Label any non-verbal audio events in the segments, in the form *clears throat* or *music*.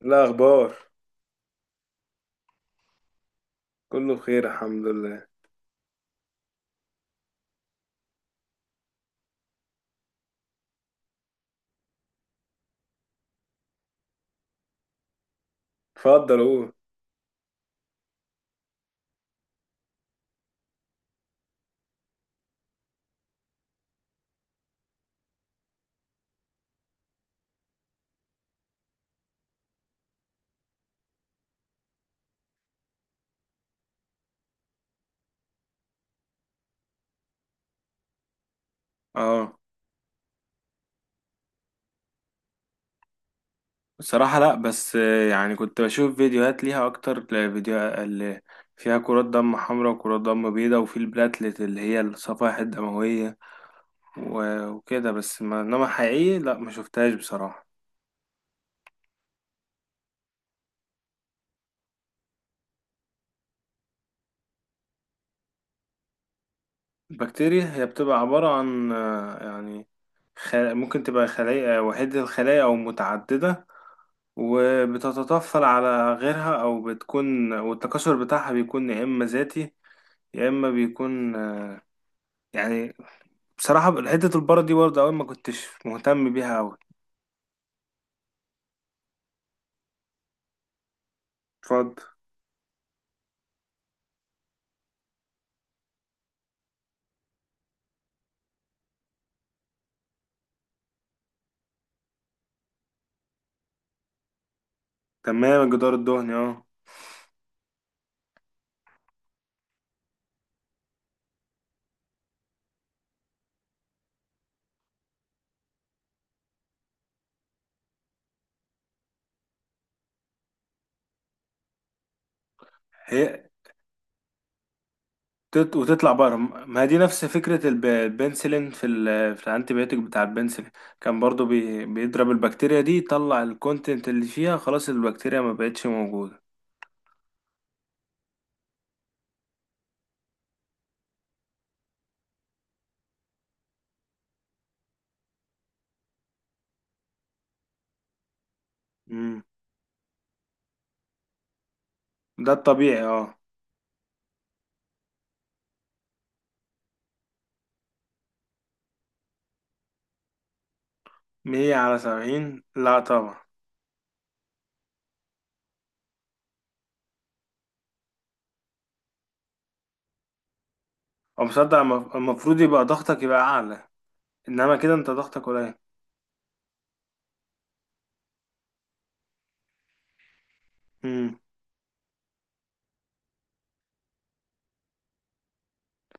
لا اخبار. كله بخير الحمد لله. اتفضل قول. اه، بصراحة لا، بس يعني كنت بشوف فيديوهات ليها اكتر. فيديو اللي فيها كرات دم حمراء وكرات دم بيضاء وفي البلاتلت اللي هي الصفائح الدموية، و- وكده، بس ما انما حقيقي لا، ما شفتهاش بصراحة. البكتيريا هي بتبقى عبارة عن يعني، ممكن تبقى خلايا وحيدة الخلايا او متعددة، وبتتطفل على غيرها، او بتكون، والتكاثر بتاعها بيكون يا اما ذاتي، يا اما بيكون يعني، بصراحه حته البره دي برضه اول ما كنتش مهتم بيها قوي. اتفضل. تمام، الجدار الدهني اه. هي وتطلع بره، ما هي دي نفس فكره البنسلين، في في الانتي بيوتيك بتاع البنسلين، كان برضه بيضرب البكتيريا دي، يطلع الكونتنت اللي فيها، خلاص البكتيريا ما بقتش موجوده. امم. ده الطبيعي اه. 100 على 70 لا طبعا. او مصدق، المفروض يبقى ضغطك يبقى اعلى، انما كده انت ضغطك قليل. امم.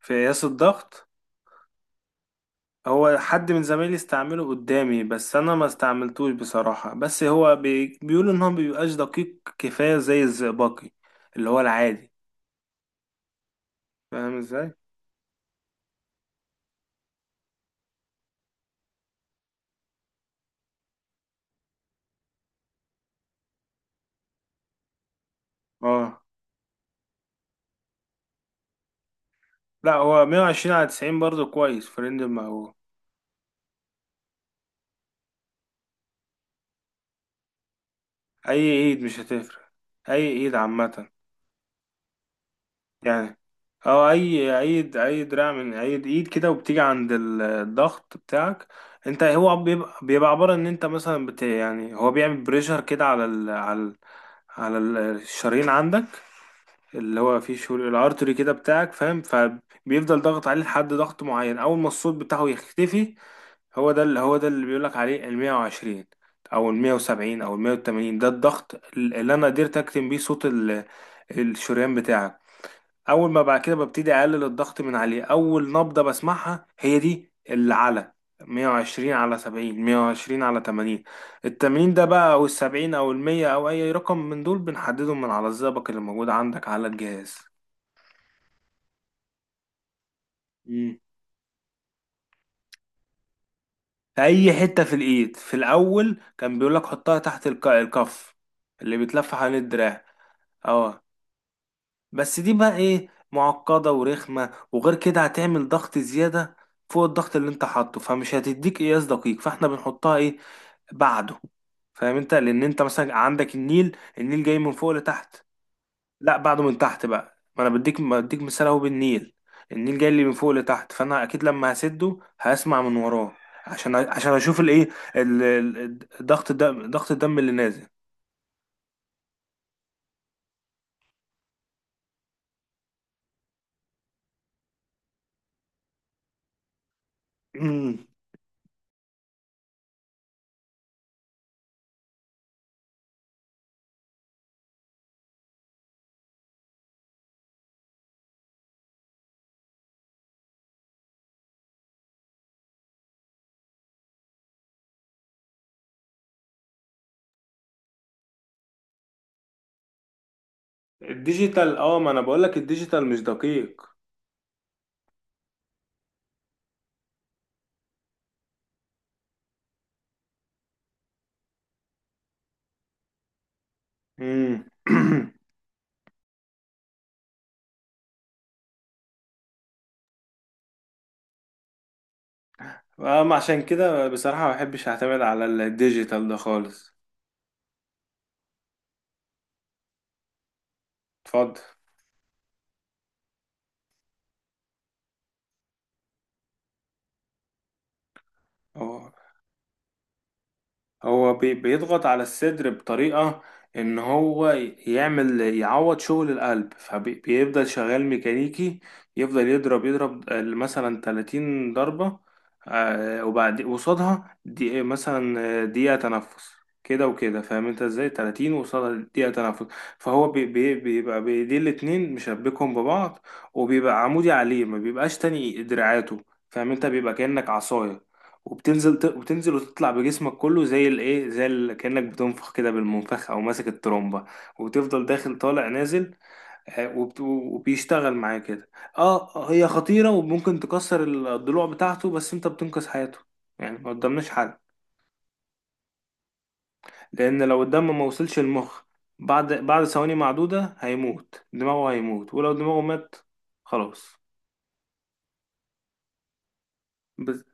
في قياس الضغط؟ هو حد من زمايلي استعمله قدامي، بس انا ما استعملتوش بصراحة، بس هو بيقولوا ان هو مبيبقاش دقيق كفاية زي الزئبقي اللي هو العادي، فاهم ازاي. اه، لا هو 120 على 90 برضه كويس في رينج المقبول. اي ايد مش هتفرق، اي ايد عامة يعني. اه، اي دراع من اي ايد كده، وبتيجي عند الضغط بتاعك، انت، هو بيبقى عبارة ان انت مثلا يعني هو بيعمل بريشر كده على الشرايين عندك، اللي هو فيه شغل الارتري كده بتاعك فاهم، فبيفضل ضغط عليه لحد ضغط معين، اول ما الصوت بتاعه يختفي. هو ده اللي بيقولك عليه ال 120 او ال 170 او ال 180، ده الضغط اللي انا قدرت اكتم بيه صوت الشريان بتاعك. اول ما بعد كده ببتدي اقلل الضغط من عليه، اول نبضة بسمعها هي دي العلى، 120 على 70، 120 على 80 التمرين ده بقى، او ال70 او ال100، او اي رقم من دول بنحددهم من على الزئبق اللي موجود عندك على الجهاز. مم. في اي حتة في الايد، في الاول كان بيقولك حطها تحت الكف اللي بيتلف حوالين الدراع. اه، بس دي بقى ايه، معقدة ورخمة، وغير كده هتعمل ضغط زيادة فوق الضغط اللي انت حاطه، فمش هتديك قياس دقيق، فاحنا بنحطها ايه، بعده. فاهم انت، لان انت مثلا عندك النيل، النيل جاي من فوق لتحت. لا، بعده من تحت بقى، ما انا بديك مثال اهو بالنيل، النيل جاي لي من فوق لتحت، فانا اكيد لما هسده هسمع من وراه، عشان اشوف الايه، ضغط الدم، اللي نازل. امم. الديجيتال اه، ما انا بقولك الديجيتال مش دقيق. امم. *clears throat* أما عشان كده، بصراحة ما بحبش اعتمد على الديجيتال ده خالص. اتفضل. أهو، هو بيضغط على الصدر بطريقة ان هو يعمل، يعوض شغل القلب، فبيفضل شغال ميكانيكي، يفضل يضرب مثلا 30 ضربة، وبعد قصادها دي مثلا دقيقة تنفس، كده وكده، فاهم انت ازاي، 30 وقصادها دقيقة تنفس. فهو بيبقى بيدي الاتنين مشبكهم ببعض، وبيبقى عمودي عليه، ما بيبقاش تاني دراعاته، فاهم انت، بيبقى كأنك عصاية، وبتنزل وتطلع بجسمك كله زي الايه، زي ال كأنك بتنفخ كده بالمنفخ او ماسك الترومبه، وتفضل داخل طالع نازل. وبيشتغل معاه كده. اه، هي خطيره وممكن تكسر الضلوع بتاعته، بس انت بتنقذ حياته، يعني ما قدامناش حل. لان لو الدم ما وصلش المخ بعد ثواني معدوده هيموت، دماغه هيموت، ولو دماغه مات خلاص. بس...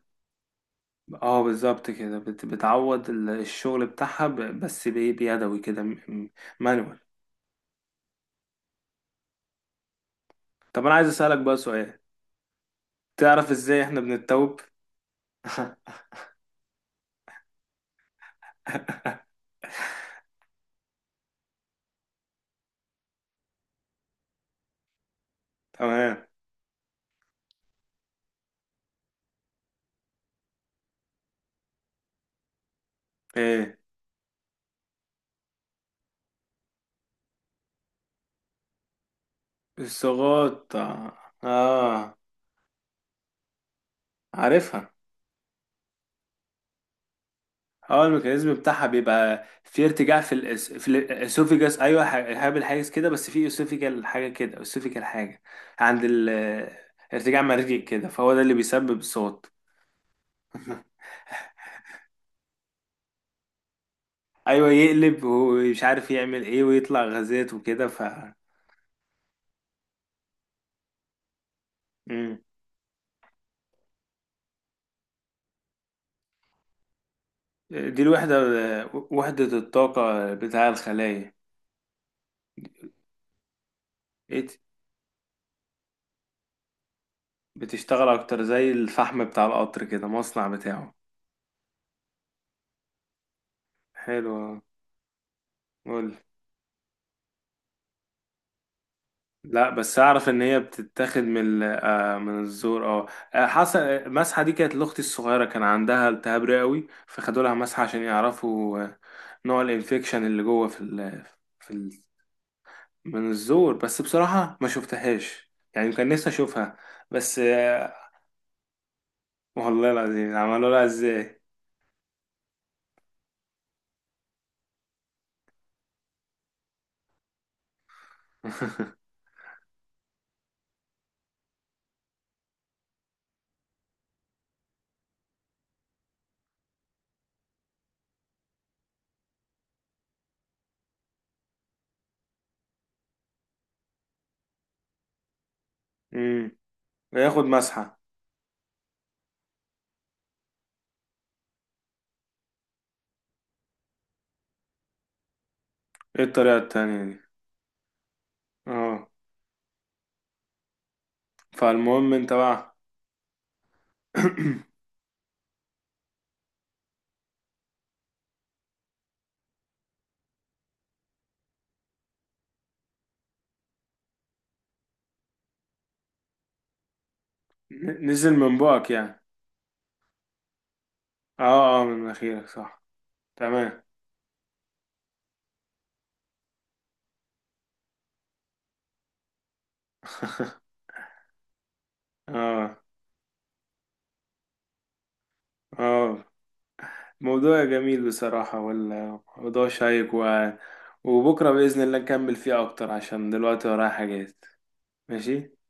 اه، بالظبط كده، بتعوض الشغل بتاعها بس بإيه؟ بيدوي كده، مانوال. طب، انا عايز اسالك بقى سؤال، تعرف ازاي احنا بنتوب. *laughs* تمام. ايه الصغاط اه. آه، عارفها. اه، الميكانيزم بتاعها بيبقى في ارتجاع، في في الاسوفيجاس، ايوه هابل حاجه كده، بس في اسوفيجال حاجه كده، اسوفيجال حاجه. عند ارتجاع مرجي كده، فهو ده اللي بيسبب الصوت. *laughs* ايوه يقلب ومش عارف يعمل ايه، ويطلع غازات وكده. مم. دي الوحده، وحده الطاقه بتاع الخلايا. بتشتغل اكتر، زي الفحم بتاع القطر كده، مصنع بتاعه. حلو. قول. لا، بس اعرف ان هي بتتاخد من من الزور اه. حصل، المسحه دي كانت لاختي الصغيره، كان عندها التهاب رئوي، فخدوا لها مسحه عشان يعرفوا نوع الانفكشن اللي جوه في ال، في ال من الزور، بس بصراحه ما شفتهاش، يعني كان نفسي اشوفها، بس والله العظيم عملوا لها ازاي. *laughs* امم. ياخد مسحه. ايه الطريقه التانية دي؟ اه، فالمهم انت بقى. *clears throat* نزل من بقك يعني. اه اه، من مناخيرك صح. تمام. *laughs* اه اه، موضوع جميل بصراحة، والموضوع شيق، وبكرة بإذن الله نكمل فيه أكتر، عشان دلوقتي ورايا حاجات. ماشي.